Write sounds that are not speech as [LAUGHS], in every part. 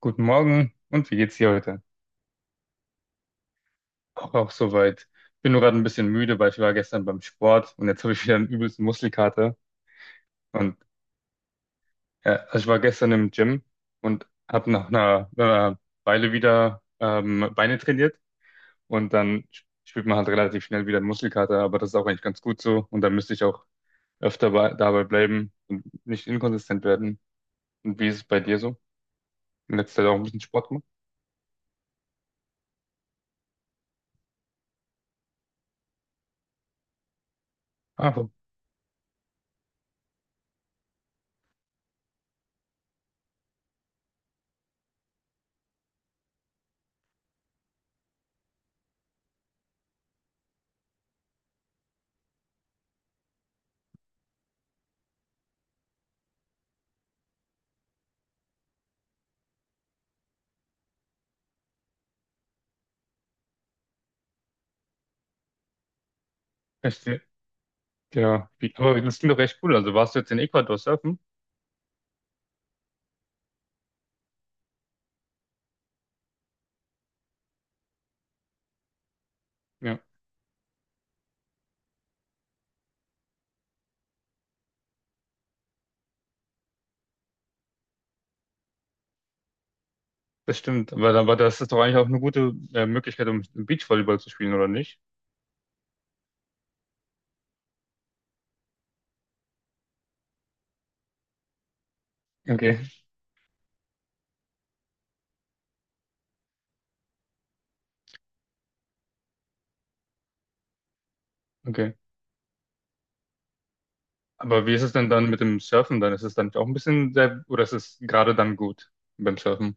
Guten Morgen und wie geht's dir heute? Auch soweit. Bin nur gerade ein bisschen müde, weil ich war gestern beim Sport und jetzt habe ich wieder einen übelsten Muskelkater. Und also ich war gestern im Gym und habe nach einer Weile wieder Beine trainiert und dann spürt man halt relativ schnell wieder einen Muskelkater, aber das ist auch eigentlich ganz gut so und da müsste ich auch öfter dabei bleiben und nicht inkonsistent werden. Und wie ist es bei dir so? In letzter Zeit auch ein bisschen Sport gemacht? Ah, echt? Ja, wie, aber das klingt doch echt cool. Also warst du jetzt in Ecuador surfen? Ja, das stimmt. Aber das ist doch eigentlich auch eine gute Möglichkeit, um Beachvolleyball zu spielen, oder nicht? Okay, okay. Aber wie ist es denn dann mit dem Surfen dann? Ist es dann auch ein bisschen sehr, oder ist es gerade dann gut beim Surfen?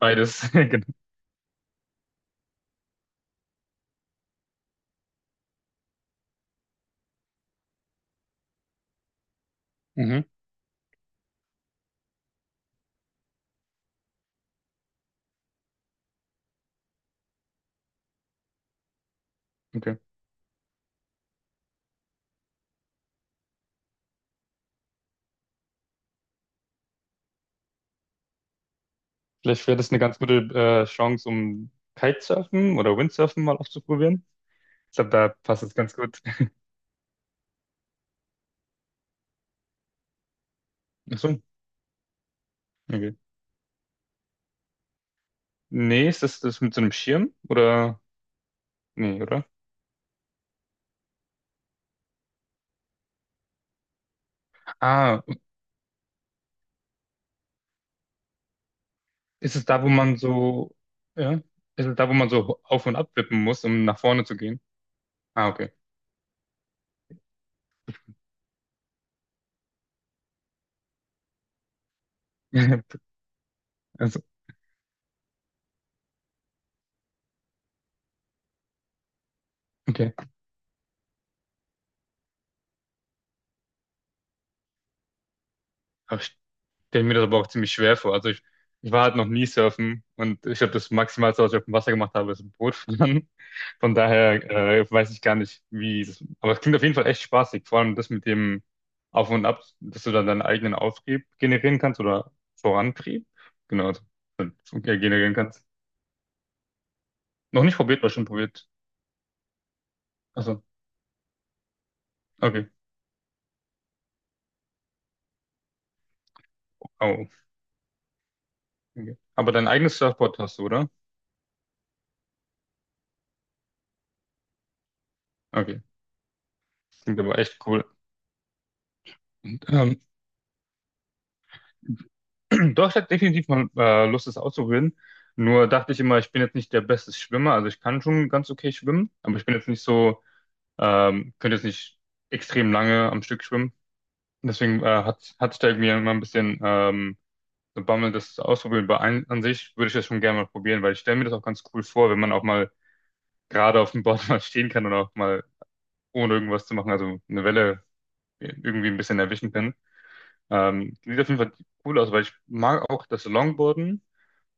Beides, [LAUGHS] genau. Mhm. Okay. Vielleicht wäre das eine ganz gute Chance, um Kitesurfen oder Windsurfen mal auszuprobieren. Ich glaube, da passt es ganz gut. Ach so, okay. Nee, ist das das mit so einem Schirm? Oder? Nee, oder? Ah, Ist es da, wo man so, ja? Ist es da, wo man so auf und ab wippen muss, um nach vorne zu gehen? Ah, okay. [LAUGHS] Also, okay. Aber ich stelle mir das aber auch ziemlich schwer vor. Ich war halt noch nie surfen und ich glaube, das Maximalste, was ich auf dem Wasser gemacht habe, ist ein Boot fahren. [LAUGHS] Von daher weiß ich gar nicht, wie das. Aber es klingt auf jeden Fall echt spaßig. Vor allem das mit dem Auf und Ab, dass du dann deinen eigenen Auftrieb generieren kannst oder Vorantrieb. Genau, also, generieren kannst. Noch nicht probiert, war schon probiert. Also, okay. Oh, okay. Aber dein eigenes Surfboard hast du, oder? Okay, klingt aber echt cool. Und, [CLEARS THROAT] doch, ich hatte definitiv mal Lust, das auszuprobieren. Nur dachte ich immer, ich bin jetzt nicht der beste Schwimmer. Also ich kann schon ganz okay schwimmen, aber ich bin jetzt nicht so, könnte jetzt nicht extrem lange am Stück schwimmen. Und deswegen hatte ich da irgendwie immer ein bisschen so Bammel, das zu ausprobieren. An sich würde ich das schon gerne mal probieren, weil ich stelle mir das auch ganz cool vor, wenn man auch mal gerade auf dem Board [LAUGHS] mal stehen kann und auch mal ohne irgendwas zu machen, also eine Welle irgendwie ein bisschen erwischen kann. Sieht auf jeden Fall cool aus, weil ich mag auch das Longboarden,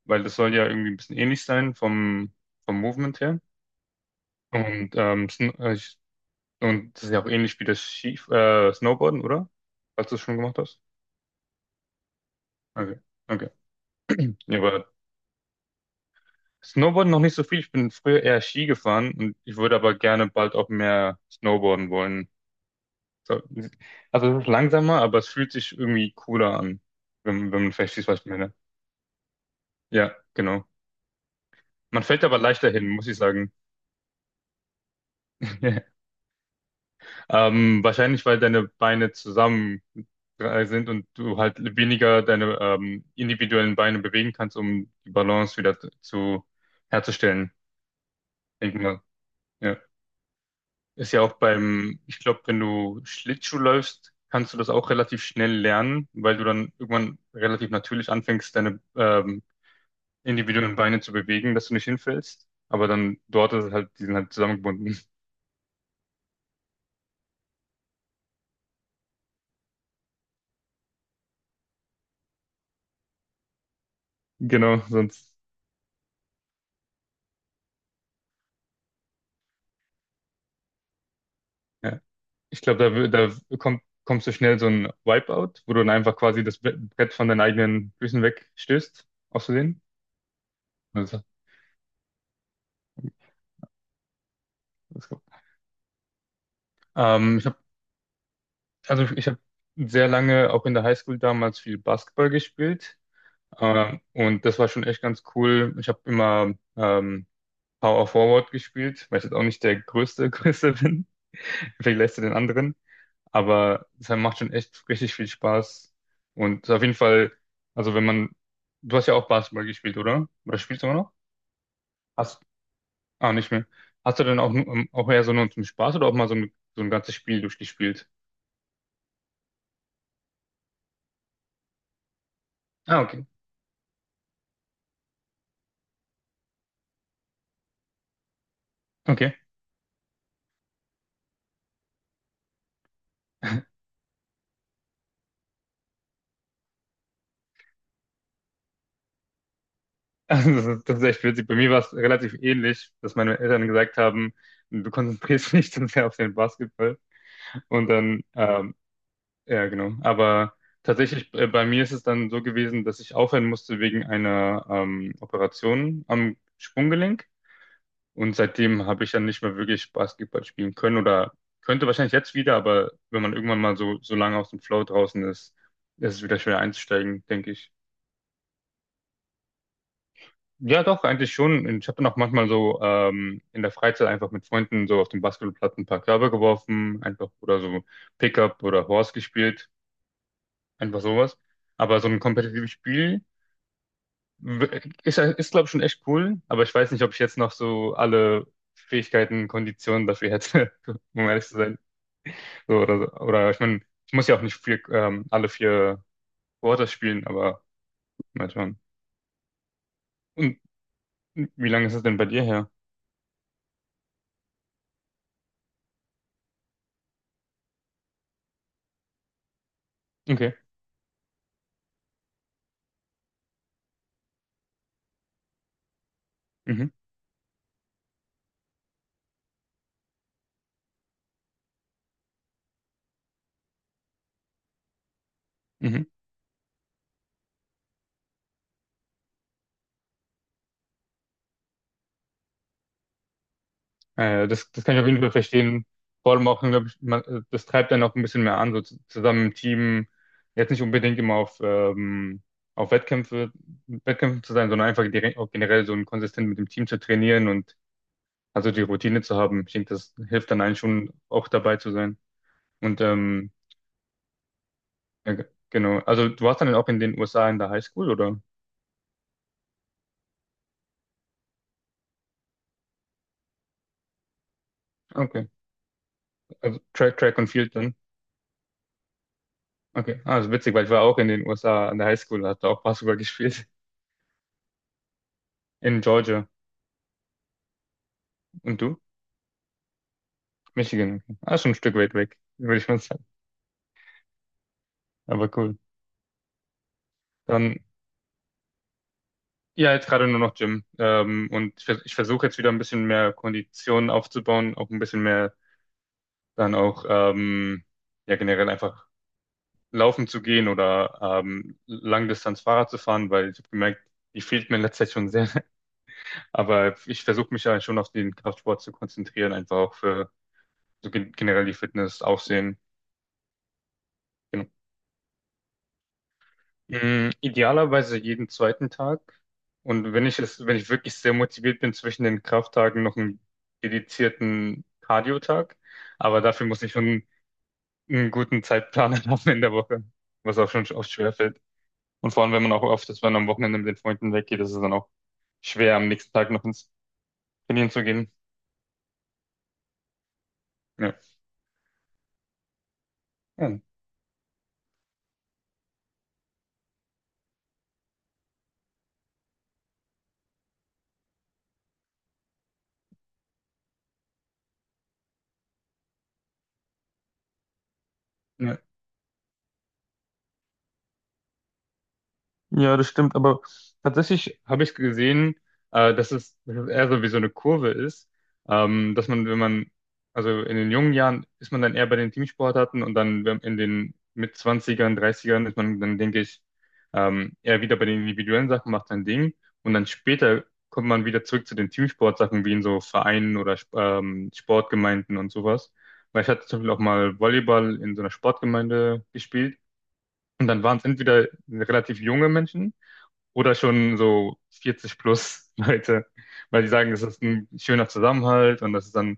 weil das soll ja irgendwie ein bisschen ähnlich sein vom Movement her. Und, und das ist ja auch ähnlich wie das Ski Snowboarden, oder? Falls du es schon gemacht hast. Okay, okay. Ja, aber Snowboarden noch nicht so viel. Ich bin früher eher Ski gefahren und ich würde aber gerne bald auch mehr Snowboarden wollen. So, also es ist langsamer, aber es fühlt sich irgendwie cooler an, wenn man versteht, was ich meine. Ja, genau. Man fällt aber leichter hin, muss ich sagen. [LAUGHS] Wahrscheinlich, weil deine Beine zusammen sind und du halt weniger deine individuellen Beine bewegen kannst, um die Balance wieder zu herzustellen. Denk mal. Ja. Ist ja auch beim, ich glaube, wenn du Schlittschuh läufst, kannst du das auch relativ schnell lernen, weil du dann irgendwann relativ natürlich anfängst, deine individuellen Beine zu bewegen, dass du nicht hinfällst. Aber dann dort ist es halt, die sind halt zusammengebunden. [LAUGHS] Genau, sonst. Ja. Ich glaube, da kommst du schnell so ein Wipeout, wo du dann einfach quasi das Brett von deinen eigenen Füßen wegstößt, aus Versehen. Also, das, ähm, ich habe also ich habe sehr lange auch in der Highschool damals viel Basketball gespielt. Und das war schon echt ganz cool. Ich habe immer Power Forward gespielt, weil ich jetzt auch nicht der größte, [LAUGHS] Größe bin, vielleicht lässt du den anderen. Aber es macht schon echt richtig viel Spaß. Und auf jeden Fall, also wenn man, du hast ja auch Basketball gespielt, oder? Oder spielst du immer noch? Hast, ah, nicht mehr. Hast du dann auch, auch eher so nur zum Spaß oder auch mal so so ein ganzes Spiel durchgespielt? Ah, okay. Okay. [LAUGHS] Das ist echt witzig. Bei mir war es relativ ähnlich, dass meine Eltern gesagt haben, du konzentrierst [LAUGHS] dich zu sehr auf den Basketball. Und dann ja, genau. Aber tatsächlich, bei mir ist es dann so gewesen, dass ich aufhören musste wegen einer Operation am Sprunggelenk. Und seitdem habe ich dann nicht mehr wirklich Basketball spielen können oder könnte wahrscheinlich jetzt wieder, aber wenn man irgendwann mal so lange aus dem Flow draußen ist, ist es wieder schwer einzusteigen, denke ich. Ja, doch, eigentlich schon. Und ich habe dann auch manchmal so in der Freizeit einfach mit Freunden so auf dem Basketballplatz ein paar Körbe geworfen, einfach oder so Pickup oder Horse gespielt, einfach sowas. Aber so ein kompetitives Spiel. Ist glaube ich, schon echt cool, aber ich weiß nicht, ob ich jetzt noch so alle Fähigkeiten, Konditionen dafür hätte, [LAUGHS] um ehrlich zu sein. So, oder, so. Oder ich meine, ich muss ja auch nicht vier, alle vier Quarters spielen, aber mal schauen. Und wie lange ist es denn bei dir her? Okay. Mhm. Mhm. Das kann ich auf jeden Fall verstehen. Vor allem auch, glaube ich, das treibt einen auch ein bisschen mehr an, so zusammen im Team, jetzt nicht unbedingt immer auf Wettkämpfen zu sein, sondern einfach direkt, auch generell so ein konsistent mit dem Team zu trainieren und also die Routine zu haben. Ich denke, das hilft dann einen schon auch dabei zu sein. Und genau. Also du warst dann auch in den USA in der Highschool, oder? Okay. Also Track und Field dann. Okay. Ah, das ist witzig, weil ich war auch in den USA an der Highschool, hatte auch Basketball [LAUGHS] gespielt in Georgia. Und du? Michigan. Okay. Ah, schon ein Stück weit weg, würde ich mal sagen. Aber cool. Dann, ja, jetzt gerade nur noch Gym. Und ich versuche jetzt wieder ein bisschen mehr Kondition aufzubauen, auch ein bisschen mehr dann auch, ähm, ja, generell einfach laufen zu gehen oder Langdistanz Fahrrad zu fahren, weil ich habe gemerkt, die fehlt mir in letzter Zeit schon sehr. [LAUGHS] Aber ich versuche mich ja schon auf den Kraftsport zu konzentrieren, einfach auch für so generell die Fitness, Aussehen. Mm, idealerweise jeden zweiten Tag. Und wenn ich wirklich sehr motiviert bin, zwischen den Krafttagen noch einen dedizierten Cardio-Tag. Aber dafür muss ich schon einen guten Zeitplan [LAUGHS] haben in der Woche, was auch schon oft schwerfällt. Und vor allem, wenn man auch oft ist, wenn man am Wochenende mit den Freunden weggeht, ist es dann auch schwer, am nächsten Tag noch ins Trainieren zu gehen. Ja. Ja. Ja. Ja, das stimmt, aber tatsächlich habe ich gesehen, dass es eher so wie so eine Kurve ist, dass man, wenn man, also in den jungen Jahren ist man dann eher bei den Teamsportarten und dann in den mit Zwanzigern, Dreißigern ist man dann, denke ich, eher wieder bei den individuellen Sachen, macht sein Ding und dann später kommt man wieder zurück zu den Teamsportsachen, wie in so Vereinen oder Sportgemeinden und sowas. Weil ich hatte zum Beispiel auch mal Volleyball in so einer Sportgemeinde gespielt. Und dann waren es entweder relativ junge Menschen, oder schon so 40 plus [LAUGHS] Leute, weil die sagen, es ist ein schöner Zusammenhalt und das ist dann,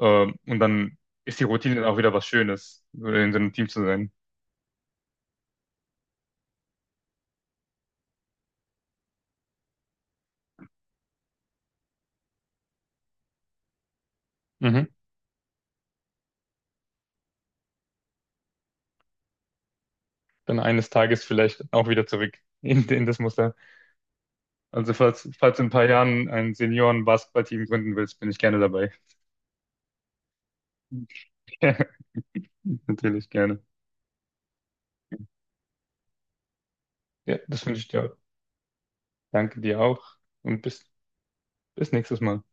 ähm, und dann ist die Routine dann auch wieder was Schönes, so in so einem Team zu sein. Mhm. Dann eines Tages vielleicht auch wieder zurück [LAUGHS] in das Muster. Also falls in ein paar Jahren ein Senioren-Basketballteam gründen willst, bin ich gerne dabei. [LAUGHS] Natürlich gerne. Ja, das wünsche ich dir auch. Danke dir auch und bis nächstes Mal.